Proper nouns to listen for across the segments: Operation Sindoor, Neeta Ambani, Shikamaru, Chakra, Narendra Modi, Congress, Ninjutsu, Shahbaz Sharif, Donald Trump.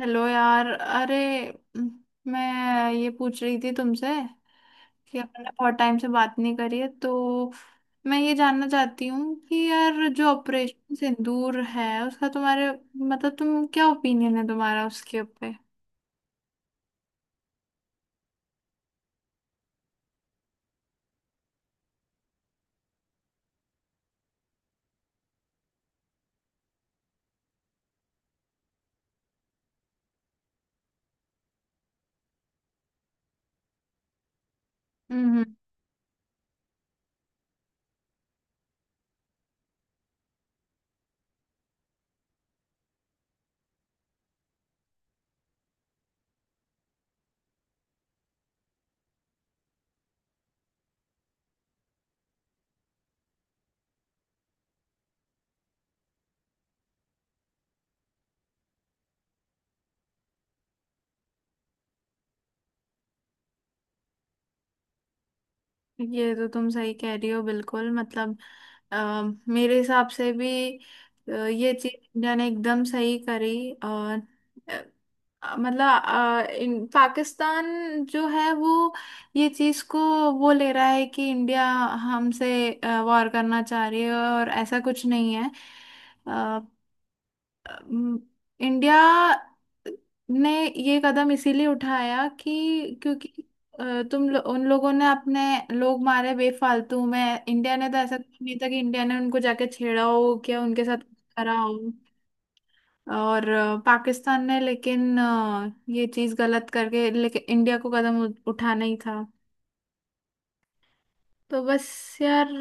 Hello यार। अरे म, मैं ये पूछ रही थी तुमसे कि अपन ने बहुत टाइम से बात नहीं करी है तो मैं ये जानना चाहती हूँ कि यार जो ऑपरेशन सिंदूर है उसका तुम्हारे मतलब तुम क्या ओपिनियन है तुम्हारा उसके ऊपर। हम्म। ये तो तुम सही कह रही हो बिल्कुल। मतलब अ, मेरे हिसाब से भी ये चीज इंडिया ने एकदम सही करी। और अ, मतलब इन पाकिस्तान जो है वो ये चीज को वो ले रहा है कि इंडिया हमसे वॉर करना चाह रही है और ऐसा कुछ नहीं है। अम, इंडिया ने ये कदम इसीलिए उठाया कि क्योंकि उन लोगों ने अपने लोग मारे बेफालतू में। इंडिया ने तो ऐसा कुछ नहीं था कि इंडिया ने उनको जाके छेड़ा हो क्या उनके साथ कुछ करा हो। और पाकिस्तान ने लेकिन ये चीज गलत करके लेकिन इंडिया को कदम उठाना ही था। तो बस यार।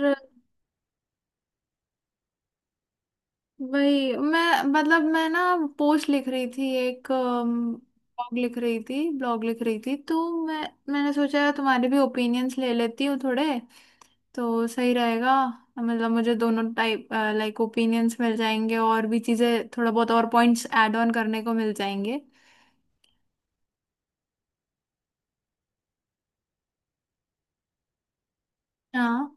वही मैं मतलब मैं ना पोस्ट लिख रही थी। एक ब्लॉग लिख रही थी तो मैं मैंने सोचा तुम्हारे भी ओपिनियंस ले लेती हूँ थोड़े तो सही रहेगा। मतलब मुझे दोनों टाइप लाइक ओपिनियंस मिल जाएंगे और भी चीज़ें थोड़ा बहुत और पॉइंट्स ऐड ऑन करने को मिल जाएंगे। हाँ।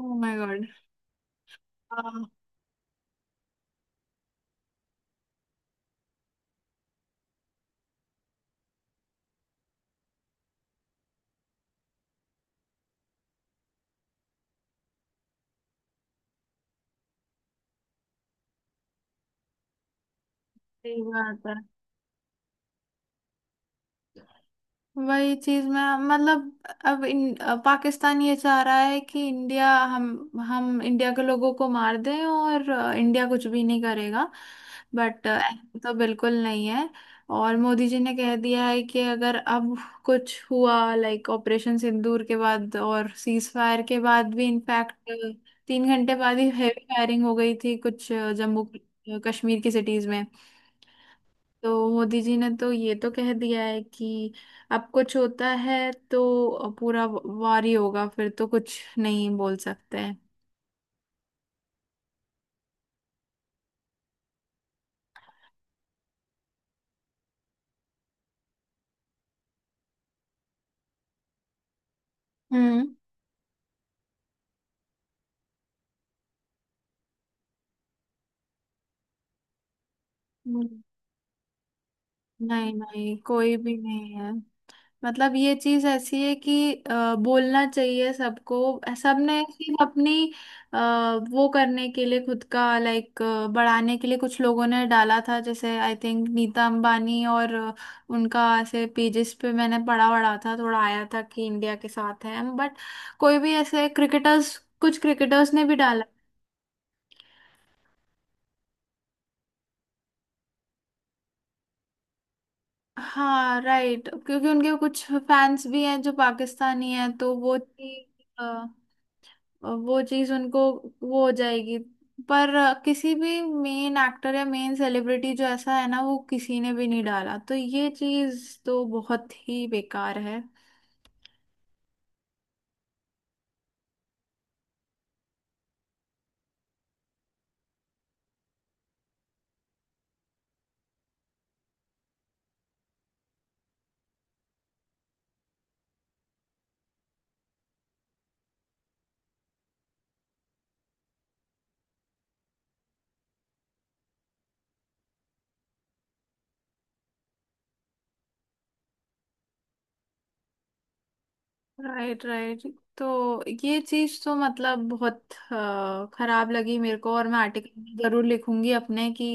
Oh my god. हाँ सही बात। वही चीज मैं मतलब। अब पाकिस्तान ये चाह रहा है कि इंडिया हम इंडिया के लोगों को मार दें और इंडिया कुछ भी नहीं करेगा। बट तो बिल्कुल नहीं है। और मोदी जी ने कह दिया है कि अगर अब कुछ हुआ लाइक ऑपरेशन सिंदूर के बाद और सीज फायर के बाद भी इनफैक्ट 3 घंटे बाद ही हेवी फायरिंग हो गई थी कुछ जम्मू कश्मीर की सिटीज में। तो मोदी जी ने तो ये तो कह दिया है कि अब कुछ होता है तो पूरा वार ही होगा फिर तो कुछ नहीं बोल सकते हैं। हम्म। हम्म। नहीं नहीं कोई भी नहीं है। मतलब ये चीज ऐसी है कि बोलना चाहिए सबको। सबने सिर्फ अपनी अ, वो करने के लिए खुद का लाइक बढ़ाने के लिए कुछ लोगों ने डाला था जैसे आई थिंक नीता अंबानी और उनका ऐसे पेजेस पे मैंने पढ़ा वढ़ा था थोड़ा आया था कि इंडिया के साथ है। बट कोई भी ऐसे क्रिकेटर्स कुछ क्रिकेटर्स ने भी डाला। हाँ राइट क्योंकि उनके कुछ फैंस भी हैं जो पाकिस्तानी हैं तो वो थी। वो चीज उनको वो हो जाएगी। पर किसी भी मेन एक्टर या मेन सेलिब्रिटी जो ऐसा है ना वो किसी ने भी नहीं डाला तो ये चीज तो बहुत ही बेकार है। राइट। राइट। तो ये चीज तो मतलब बहुत खराब लगी मेरे को। और मैं आर्टिकल जरूर लिखूंगी अपने कि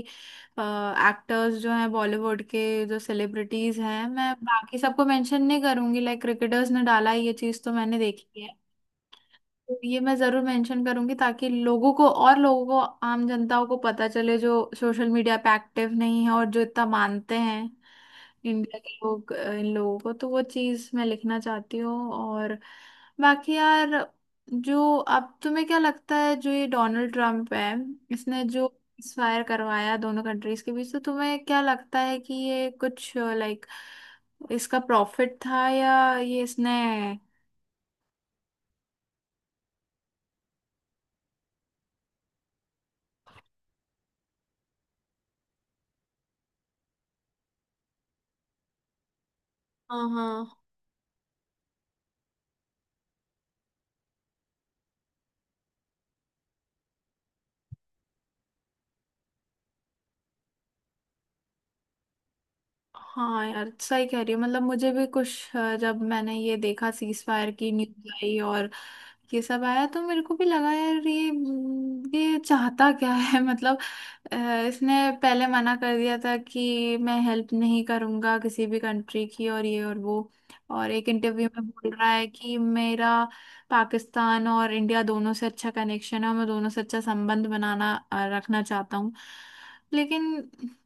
एक्टर्स जो हैं बॉलीवुड के जो सेलिब्रिटीज हैं मैं बाकी सबको मेंशन नहीं करूंगी। लाइक क्रिकेटर्स ने डाला ये चीज तो मैंने देखी है। तो ये मैं जरूर मेंशन करूंगी ताकि लोगों को और लोगों को आम जनताओं को पता चले जो सोशल मीडिया पे एक्टिव नहीं है और जो इतना मानते हैं इंडिया के लोग इन लोगों को। तो वो चीज़ मैं लिखना चाहती हूँ। और बाकी यार जो अब तुम्हें क्या लगता है जो ये डोनाल्ड ट्रम्प है इसने जो फायर करवाया दोनों कंट्रीज के बीच तो तुम्हें क्या लगता है कि ये कुछ लाइक इसका प्रॉफिट था या ये इसने। हाँ हाँ। हाँ यार सही कह रही हो। मतलब मुझे भी कुछ जब मैंने ये देखा सीज फायर की न्यूज आई और ये सब आया तो मेरे को भी लगा यार ये चाहता क्या है मतलब अ, इसने पहले मना कर दिया था कि मैं हेल्प नहीं करूंगा किसी भी कंट्री की और ये और वो। और एक इंटरव्यू में बोल रहा है कि मेरा पाकिस्तान और इंडिया दोनों से अच्छा कनेक्शन है और मैं दोनों से अच्छा संबंध बनाना रखना चाहता हूँ। लेकिन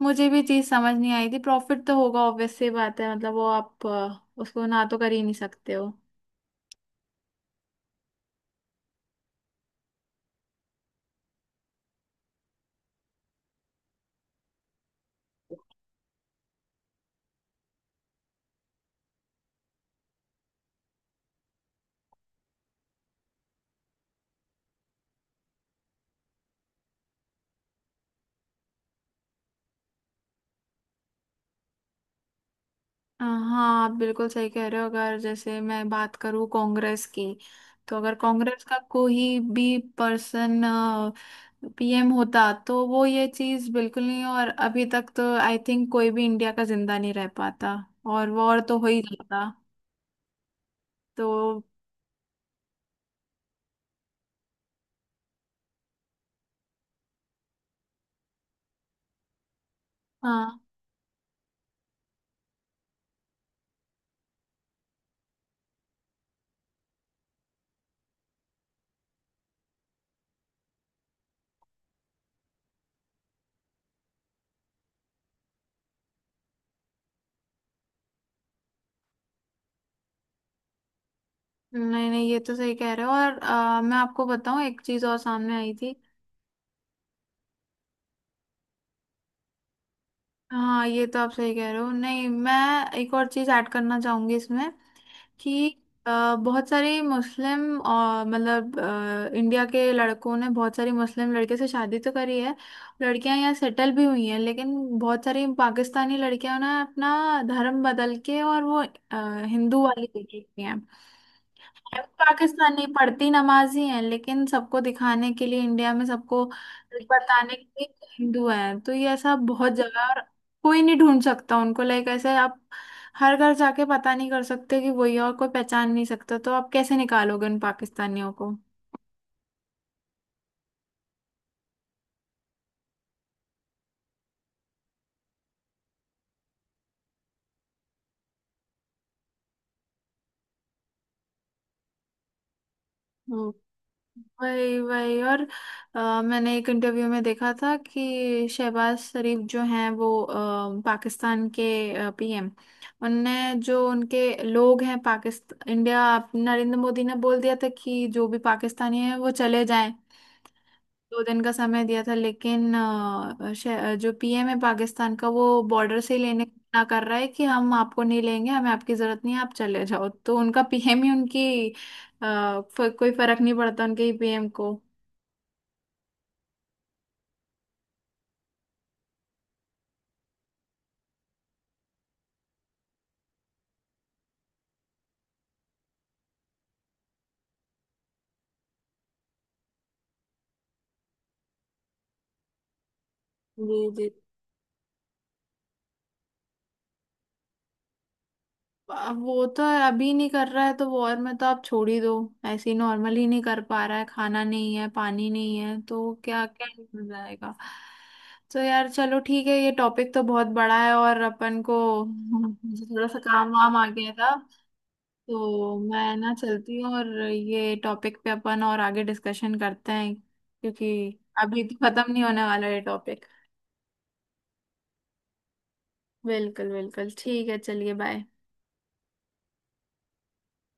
मुझे भी चीज़ समझ नहीं आई थी प्रॉफिट तो होगा ऑब्वियस सी बात है मतलब वो आप उसको ना तो कर ही नहीं सकते हो। हाँ आप बिल्कुल सही कह रहे हो। अगर जैसे मैं बात करूँ कांग्रेस की तो अगर कांग्रेस का कोई भी पर्सन पीएम होता तो वो ये चीज़ बिल्कुल नहीं। और अभी तक तो आई थिंक कोई भी इंडिया का जिंदा नहीं रह पाता और वॉर तो हो ही जाता तो। हाँ, नहीं नहीं ये तो सही कह रहे हो। और मैं आपको बताऊँ एक चीज़ और सामने आई थी। हाँ ये तो आप सही कह रहे हो। नहीं मैं एक और चीज़ ऐड करना चाहूंगी इसमें कि बहुत सारे मुस्लिम मतलब इंडिया के लड़कों ने बहुत सारी मुस्लिम लड़के से शादी तो करी है। लड़कियां यहाँ सेटल भी हुई हैं लेकिन बहुत सारी पाकिस्तानी लड़कियां ना अपना धर्म बदल के और वो हिंदू वाली हो चुकी हैं। पाकिस्तानी पढ़ती नमाज ही है लेकिन सबको दिखाने के लिए इंडिया में सबको बताने के लिए कि हिंदू है तो ये ऐसा बहुत जगह है। और कोई नहीं ढूंढ सकता उनको लाइक ऐसे आप हर घर जाके पता नहीं कर सकते कि वही है और कोई पहचान नहीं सकता तो आप कैसे निकालोगे उन पाकिस्तानियों को। वही वही। और मैंने एक इंटरव्यू में देखा था कि शहबाज शरीफ जो हैं वो पाकिस्तान के पीएम। उनने जो उनके लोग हैं पाकिस्तान इंडिया नरेंद्र मोदी ने बोल दिया था कि जो भी पाकिस्तानी हैं वो चले जाएं। 2 दिन का समय दिया था लेकिन जो पीएम है पाकिस्तान का वो बॉर्डर से ही लेने को मना कर रहा है कि हम आपको नहीं लेंगे हमें आपकी जरूरत नहीं है आप चले जाओ। तो उनका पीएम ही उनकी कोई फर्क नहीं पड़ता उनके ही पीएम को। जी जी। अब वो तो है, अभी नहीं कर रहा है तो वॉर में तो आप छोड़ ही दो। ऐसे ही नॉर्मली नहीं कर पा रहा है खाना नहीं है पानी नहीं है तो क्या क्या हो जाएगा। तो यार चलो ठीक है। ये टॉपिक तो बहुत बड़ा है और अपन को मुझे थोड़ा सा काम वाम आ गया था तो मैं ना चलती हूँ। और ये टॉपिक पे अपन और आगे डिस्कशन करते हैं क्योंकि अभी तो खत्म नहीं होने वाला ये टॉपिक। बिल्कुल बिल्कुल ठीक है चलिए बाय।